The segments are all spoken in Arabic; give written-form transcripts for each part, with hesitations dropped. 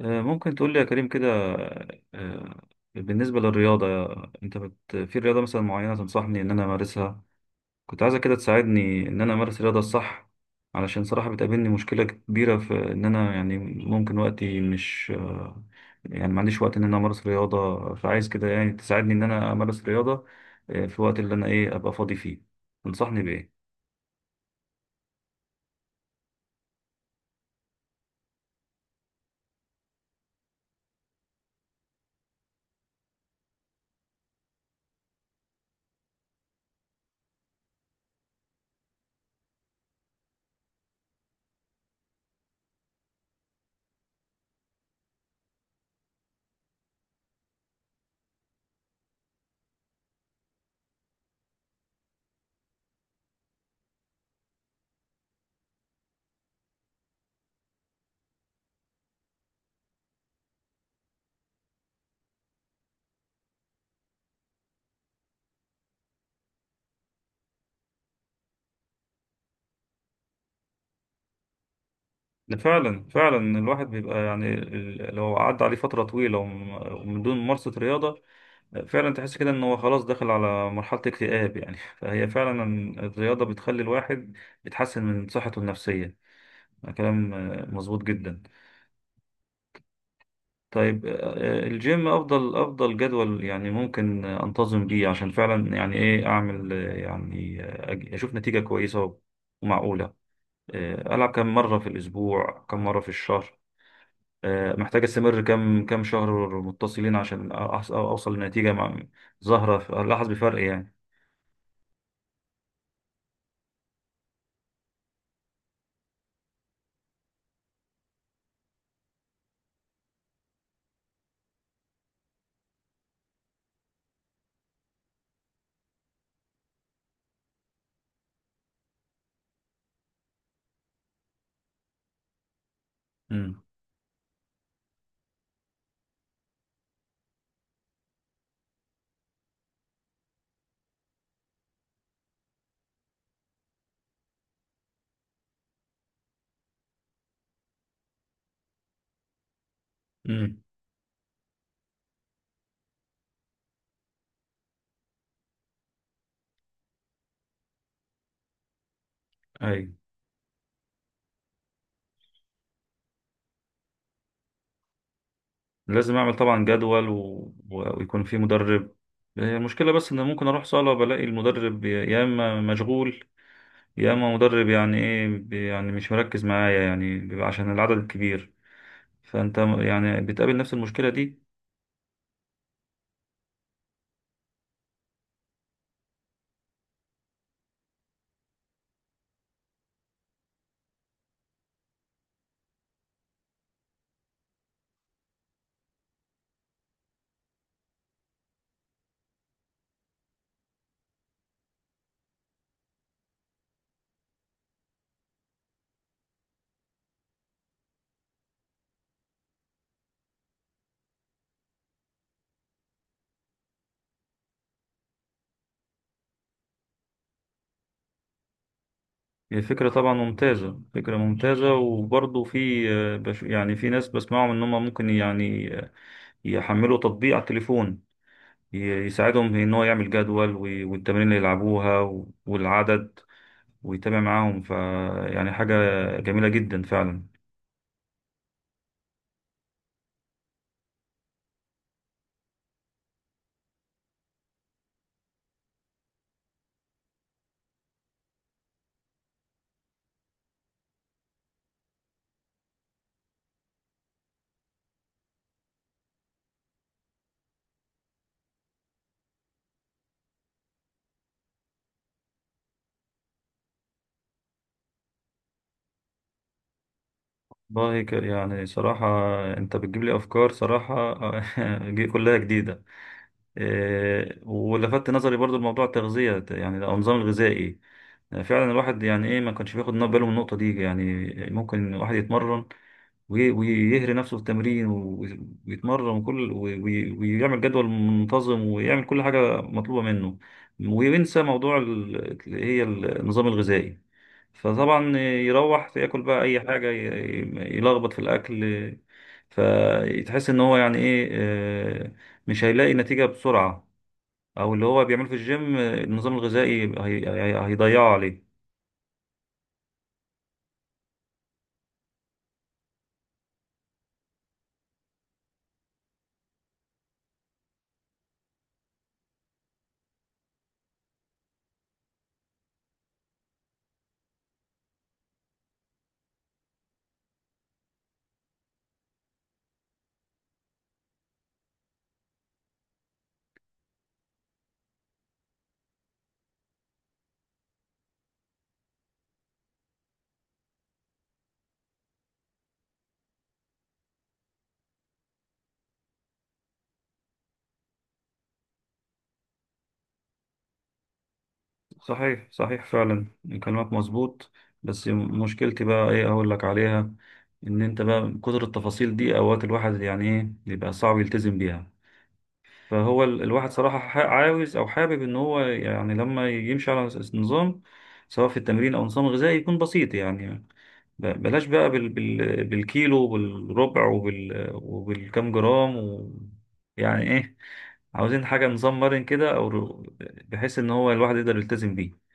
ممكن تقول لي يا كريم كده. آه، بالنسبة للرياضة، في رياضة مثلا معينة تنصحني إن أنا أمارسها؟ كنت عايزة كده تساعدني إن أنا أمارس الرياضة الصح، علشان صراحة بتقابلني مشكلة كبيرة في إن أنا يعني ممكن وقتي مش يعني ما عنديش وقت إن أنا أمارس رياضة، فعايز كده يعني تساعدني إن أنا أمارس رياضة في الوقت اللي أنا إيه أبقى فاضي فيه. تنصحني بإيه؟ ده فعلا فعلا الواحد بيبقى يعني لو عدى عليه فترة طويلة ومن دون ممارسة رياضة فعلا تحس كده ان هو خلاص داخل على مرحلة اكتئاب يعني فهي فعلا الرياضة بتخلي الواحد بتحسن من صحته النفسية. كلام مظبوط جدا. طيب الجيم افضل جدول يعني ممكن انتظم بيه عشان فعلا يعني ايه اعمل يعني اشوف نتيجة كويسة ومعقولة. العب كم مرة في الاسبوع، كم مرة في الشهر؟ محتاج استمر كم شهر متصلين عشان اوصل لنتيجة ظاهرة الاحظ بفرق يعني. امم. اي. لازم اعمل طبعا جدول ويكون في مدرب. هي المشكله بس ان ممكن اروح صاله بلاقي المدرب، يا اما مشغول يا اما مدرب، يعني ايه، يعني مش مركز معايا يعني بيبقى عشان العدد الكبير. فانت يعني بتقابل نفس المشكله دي. هي فكره طبعا ممتازه، فكره ممتازه، وبرضه في يعني في ناس بسمعهم ان هم ممكن يعني يحملوا تطبيق على التليفون ي- يساعدهم ان هو يعمل جدول والتمارين اللي يلعبوها والعدد ويتابع معاهم، ف يعني حاجة جميلة جدا فعلا. والله يعني صراحة أنت بتجيب لي أفكار صراحة كلها جديدة. إيه، ولفت نظري برضو الموضوع التغذية يعني أو النظام الغذائي. فعلا الواحد يعني إيه ما كانش بياخد باله من النقطة دي يعني. ممكن الواحد يتمرن ويهري نفسه في التمرين ويتمرن وكل ويعمل جدول منتظم ويعمل كل حاجة مطلوبة منه وينسى موضوع اللي هي النظام الغذائي، فطبعا يروح ياكل بقى اي حاجه، يلخبط في الاكل، فتحس ان هو يعني ايه مش هيلاقي نتيجه بسرعه، او اللي هو بيعمله في الجيم النظام الغذائي هيضيعه عليه. صحيح صحيح فعلا، كلامك مظبوط. بس مشكلتي بقى ايه اقول لك عليها، ان انت بقى من كتر التفاصيل دي اوقات الواحد يعني ايه بيبقى صعب يلتزم بيها. فهو الواحد صراحة عاوز أو حابب إن هو يعني لما يمشي على نظام، سواء في التمرين أو نظام غذائي، يكون بسيط يعني. بلاش بقى بالكيلو وبالربع وبالكم جرام و... يعني إيه، عاوزين حاجة نظام مرن كده أو بحيث إن هو الواحد يقدر يلتزم بيه.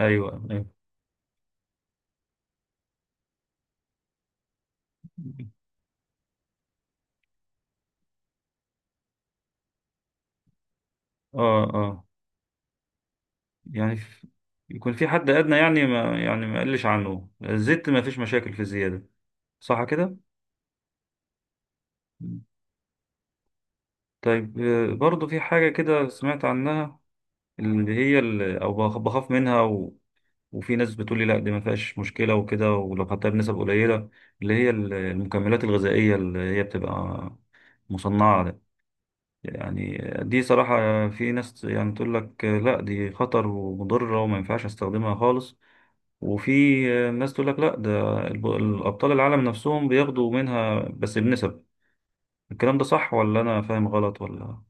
أيوه أيوه. آه آه. يعني يكون في حد أدنى، يعني ما يعني ما يقلش عنه الزيت، ما فيش مشاكل في الزيادة، صح كده؟ طيب برضو في حاجة كده سمعت عنها، اللي هي أو بخاف منها و... وفي ناس بتقولي لا دي ما فيهاش مشكلة وكده ولو خدتها بنسب قليلة، اللي هي المكملات الغذائية اللي هي بتبقى مصنعة ده يعني. دي صراحة في ناس يعني تقول لك لا دي خطر ومضرة وما ينفعش استخدمها خالص، وفي ناس تقول لك لا ده الأبطال العالم نفسهم بياخدوا منها بس بنسب. الكلام ده صح ولا أنا فاهم غلط ولا؟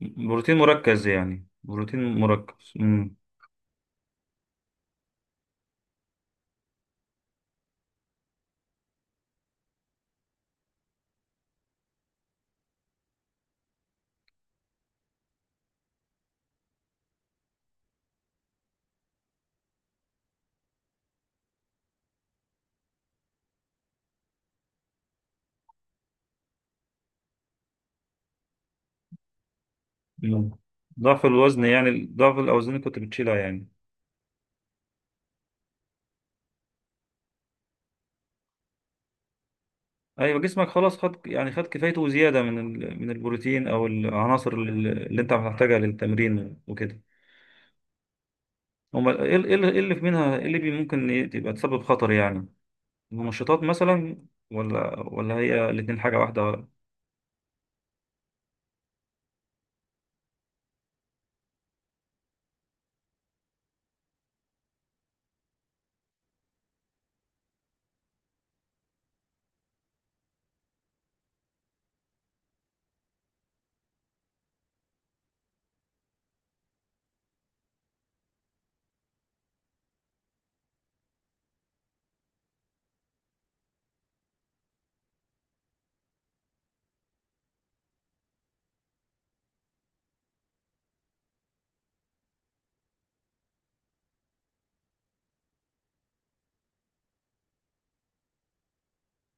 بروتين مركز، يعني بروتين مركز. مم. مم. ضعف الوزن يعني ضعف الأوزان اللي كنت بتشيلها يعني. أيوة، جسمك خلاص خد، يعني خد كفايته وزيادة من من البروتين أو العناصر اللي أنت هتحتاجها للتمرين وكده. أمال إيه إيه إيه اللي في منها، إيه ممكن تبقى تسبب خطر يعني؟ المنشطات مثلا؟ ولا هي الاتنين حاجة واحدة؟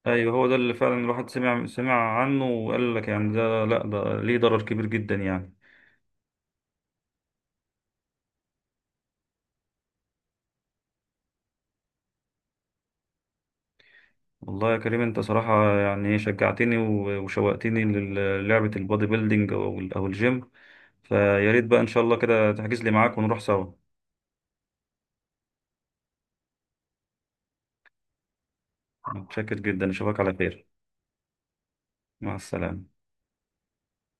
أيوة، هو ده اللي فعلا الواحد سمع عنه وقال لك يعني، ده لأ ده ليه ضرر كبير جدا يعني. والله يا كريم، انت صراحة يعني ايه، شجعتني وشوقتني للعبة البودي بيلدينج او او الجيم. فيا ريت بقى ان شاء الله كده تحجز لي معاك ونروح سوا. متشكر جدا، اشوفك على خير. مع السلامة.